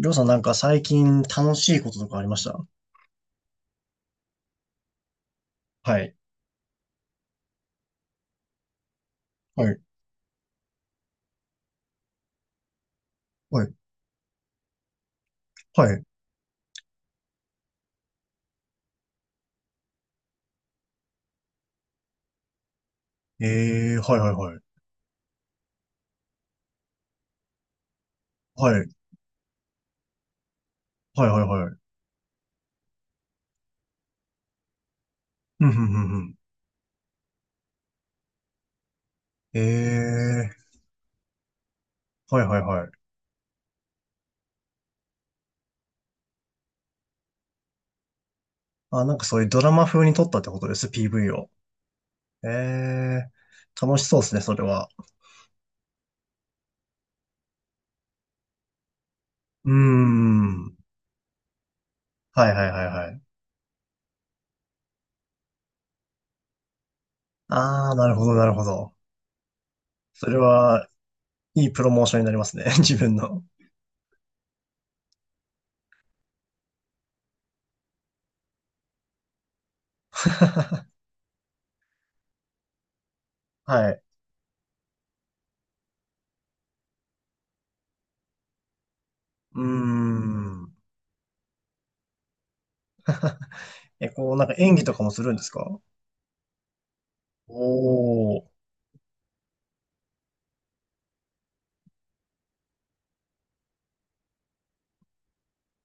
りょうさんなんか最近楽しいこととかありました？はい。はい。はい。はい。はいはいはい。はい。はいはいはい。うん、ふんふんふん。えー、はいはいはい。あ、なんかそういうドラマ風に撮ったってことです、PV を。えー、楽しそうですね、それは。うーん。はいはいはいはい。あー、なるほどなるほど。それは、いいプロモーションになりますね、自分の。はい。うーん。え、こう、なんか演技とかもするんですか？おー。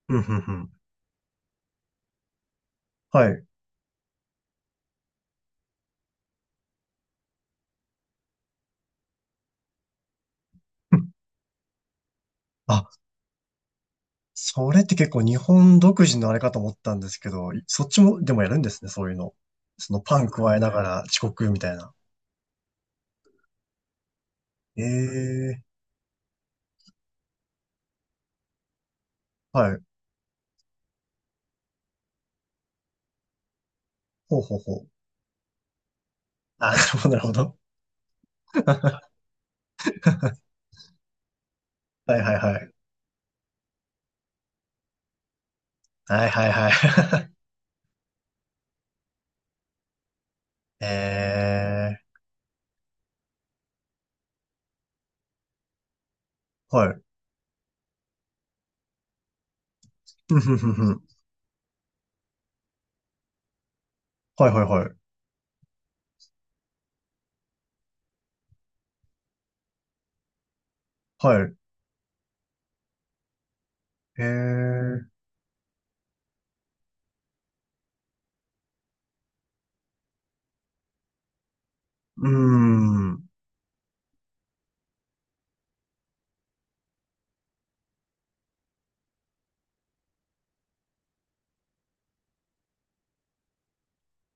うん、うん、うん。はい。うん、あ、それって結構日本独自のあれかと思ったんですけど、いそっちもでもやるんですね、そういうの。そのパン加えながら遅刻みたいな。ええ、はい。ほうほうほう。あ、なるほど、なるほど。はいはいはい。はいはいはい。ええ、はい。ふんふんふんふん、はいはいはい。はい。ええ、うーん。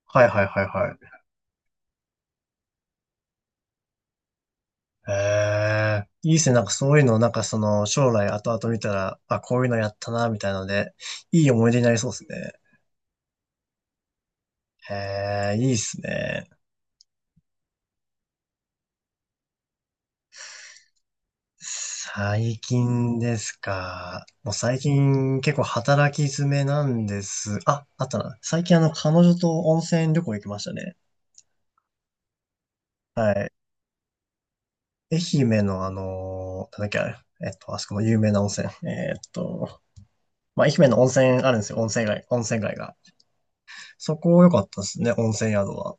はいはいはいはい。ええ、いいですね。なんかそういうの、なんかその、将来後々見たら、あ、こういうのやったな、みたいなので、いい思い出になりそうですね。ええ、いいですね。最近ですか。もう最近結構働き詰めなんです。あ、あったな。最近あの、彼女と温泉旅行行きましたね。はい。愛媛のあのなんだっけあれ、あそこの有名な温泉。まあ、愛媛の温泉あるんですよ。温泉街、温泉街が。そこ良かったですね、温泉宿は。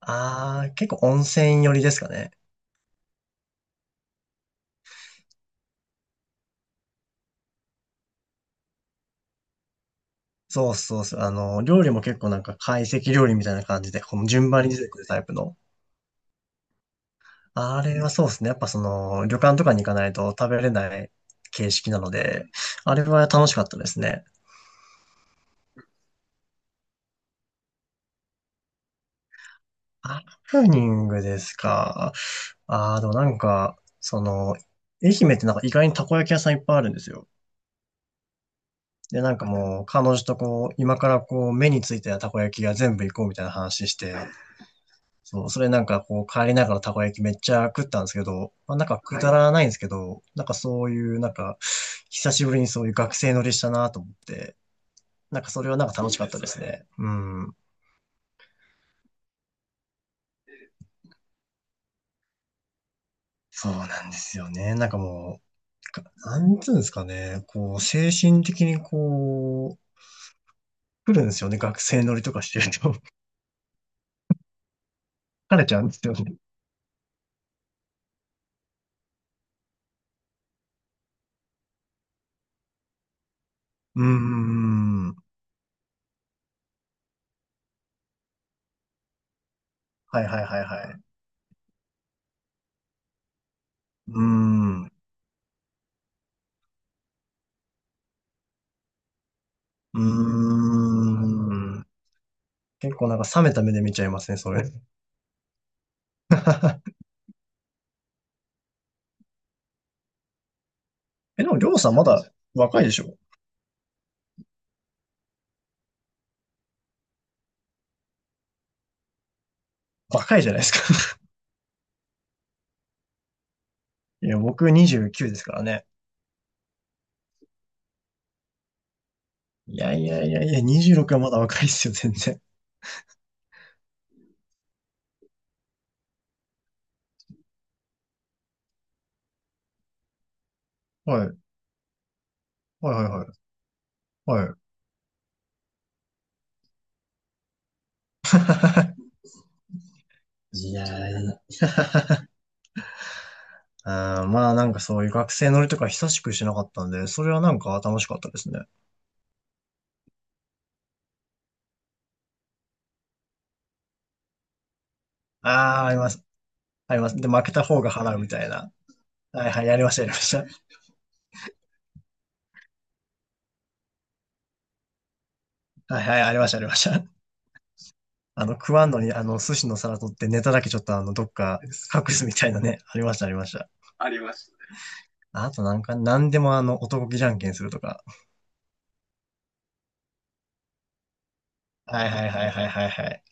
ああ、結構温泉寄りですかね。そうそうそう。あの、料理も結構なんか懐石料理みたいな感じで、この順番に出てくるタイプの。あれはそうですね。やっぱその、旅館とかに行かないと食べれない形式なので、あれは楽しかったですね。ハプニングですか。ああ、でもなんか、その、愛媛ってなんか意外にたこ焼き屋さんいっぱいあるんですよ。で、なんかもう、彼女とこう、今からこう、目についたたこ焼きが全部行こうみたいな話して、そう、それなんかこう帰りながらたこ焼きめっちゃ食ったんですけど、まあなんかくはだいらないんですけど、なんかそういうなんか、久しぶりにそういう学生乗りしたなと思って、なんかそれはなんか楽しいいかっでたですすね。ねうん。そうなんですよね。なんかもう、かなんつうんですかね、こう、精神的にこう、来るんですよね。学生乗りとかしてると。疲れちゃうんですよね。うーん。はいはいはいはい。うーん。うーん。結構なんか冷めた目で見ちゃいますね、それ。え、でも、りょうさんまだ若いでしょ？若いじゃないですか。いや、僕29ですからね。いやいやいやいや、26はまだ若いっすよ、全然。はい。はいはいはい。はい。いやー、あーまあなんかそういう学生乗りとか久しくしなかったんで、それはなんか楽しかったですね。ああ、あります。あります。で、負けた方が払うみたいな。はいはい、やりました、やりました。はいはい、ありました、ありました。あの、食わんのに、あの、寿司の皿取ってネタだけちょっとあの、どっか隠すみたいなね。ありました、ありました。あとなんか、なんでもあの、男気じゃんけんするとか。はいはいはいはいはいはい。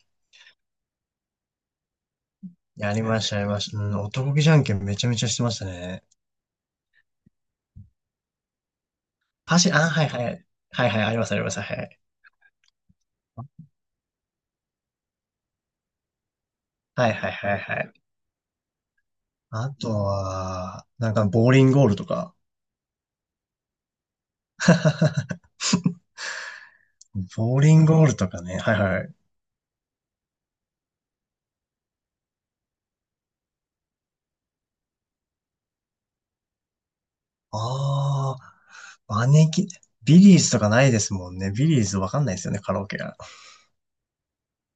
やりました、やりました。うん、男気じゃんけんめちゃめちゃしてましたね。パシ、あ、はいはい。はいはい、ありますあります。はい。はいはいはいはい。あとは、なんか、ボーリングゴールとか。ボーリングゴールとかね。はいはい。ああ、招き、ビリーズとかないですもんね。ビリーズわかんないですよね、カラオケが。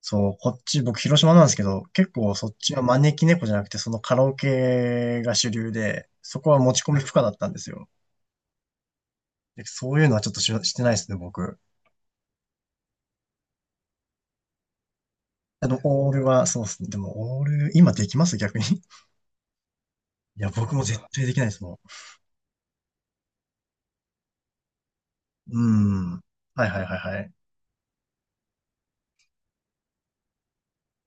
そう、こっち、僕、広島なんですけど、結構そっちは招き猫じゃなくて、そのカラオケが主流で、そこは持ち込み不可だったんですよ。で、そういうのはちょっとし、してないですね、僕。あの、オールは、そうですね。でも、オール、今できます逆に。いや、僕も絶対できないですもん。うん。はいはいはいはい。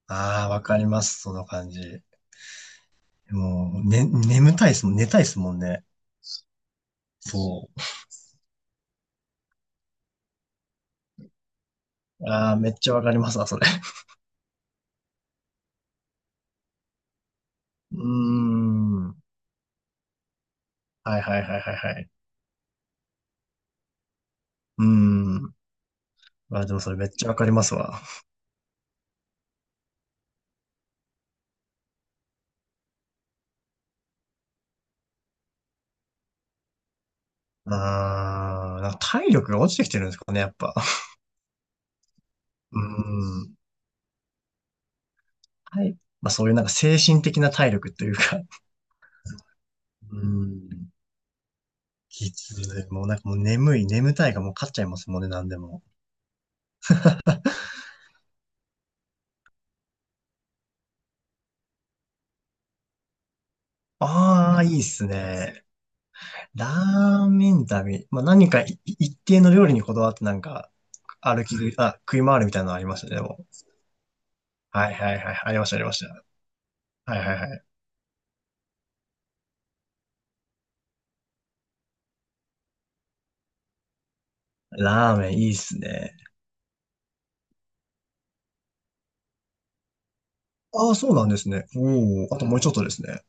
ああ、わかります、その感じ。もう、ね、眠たいですもん、寝たいですもんね。そう。ああ、めっちゃわかりますわ、それ。うーん。はいはいはいはいはい。うーん。あ、でもそれめっちゃわかりますわ。あー、なんか体力が落ちてきてるんですかね、やっぱ。うん。はい。まあそういうなんか精神的な体力というか。うん。きつい。もうなんかもう眠い、眠たいがもう勝っちゃいますもんね、なんでも。ああ、いいっすね。ラーメン旅。まあ何かい一定の料理にこだわってなんか歩き食い、あ、食い回るみたいなのありましたね、でも。はいはいはい。ありました、ありました。はいはいはい。ラーメンいいっすね。ああ、そうなんですね。おお、あともうちょっとですね。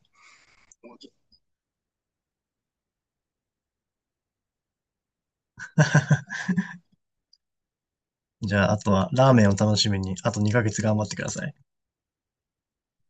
じゃあ、あとはラーメンを楽しみに、あと2ヶ月頑張ってください。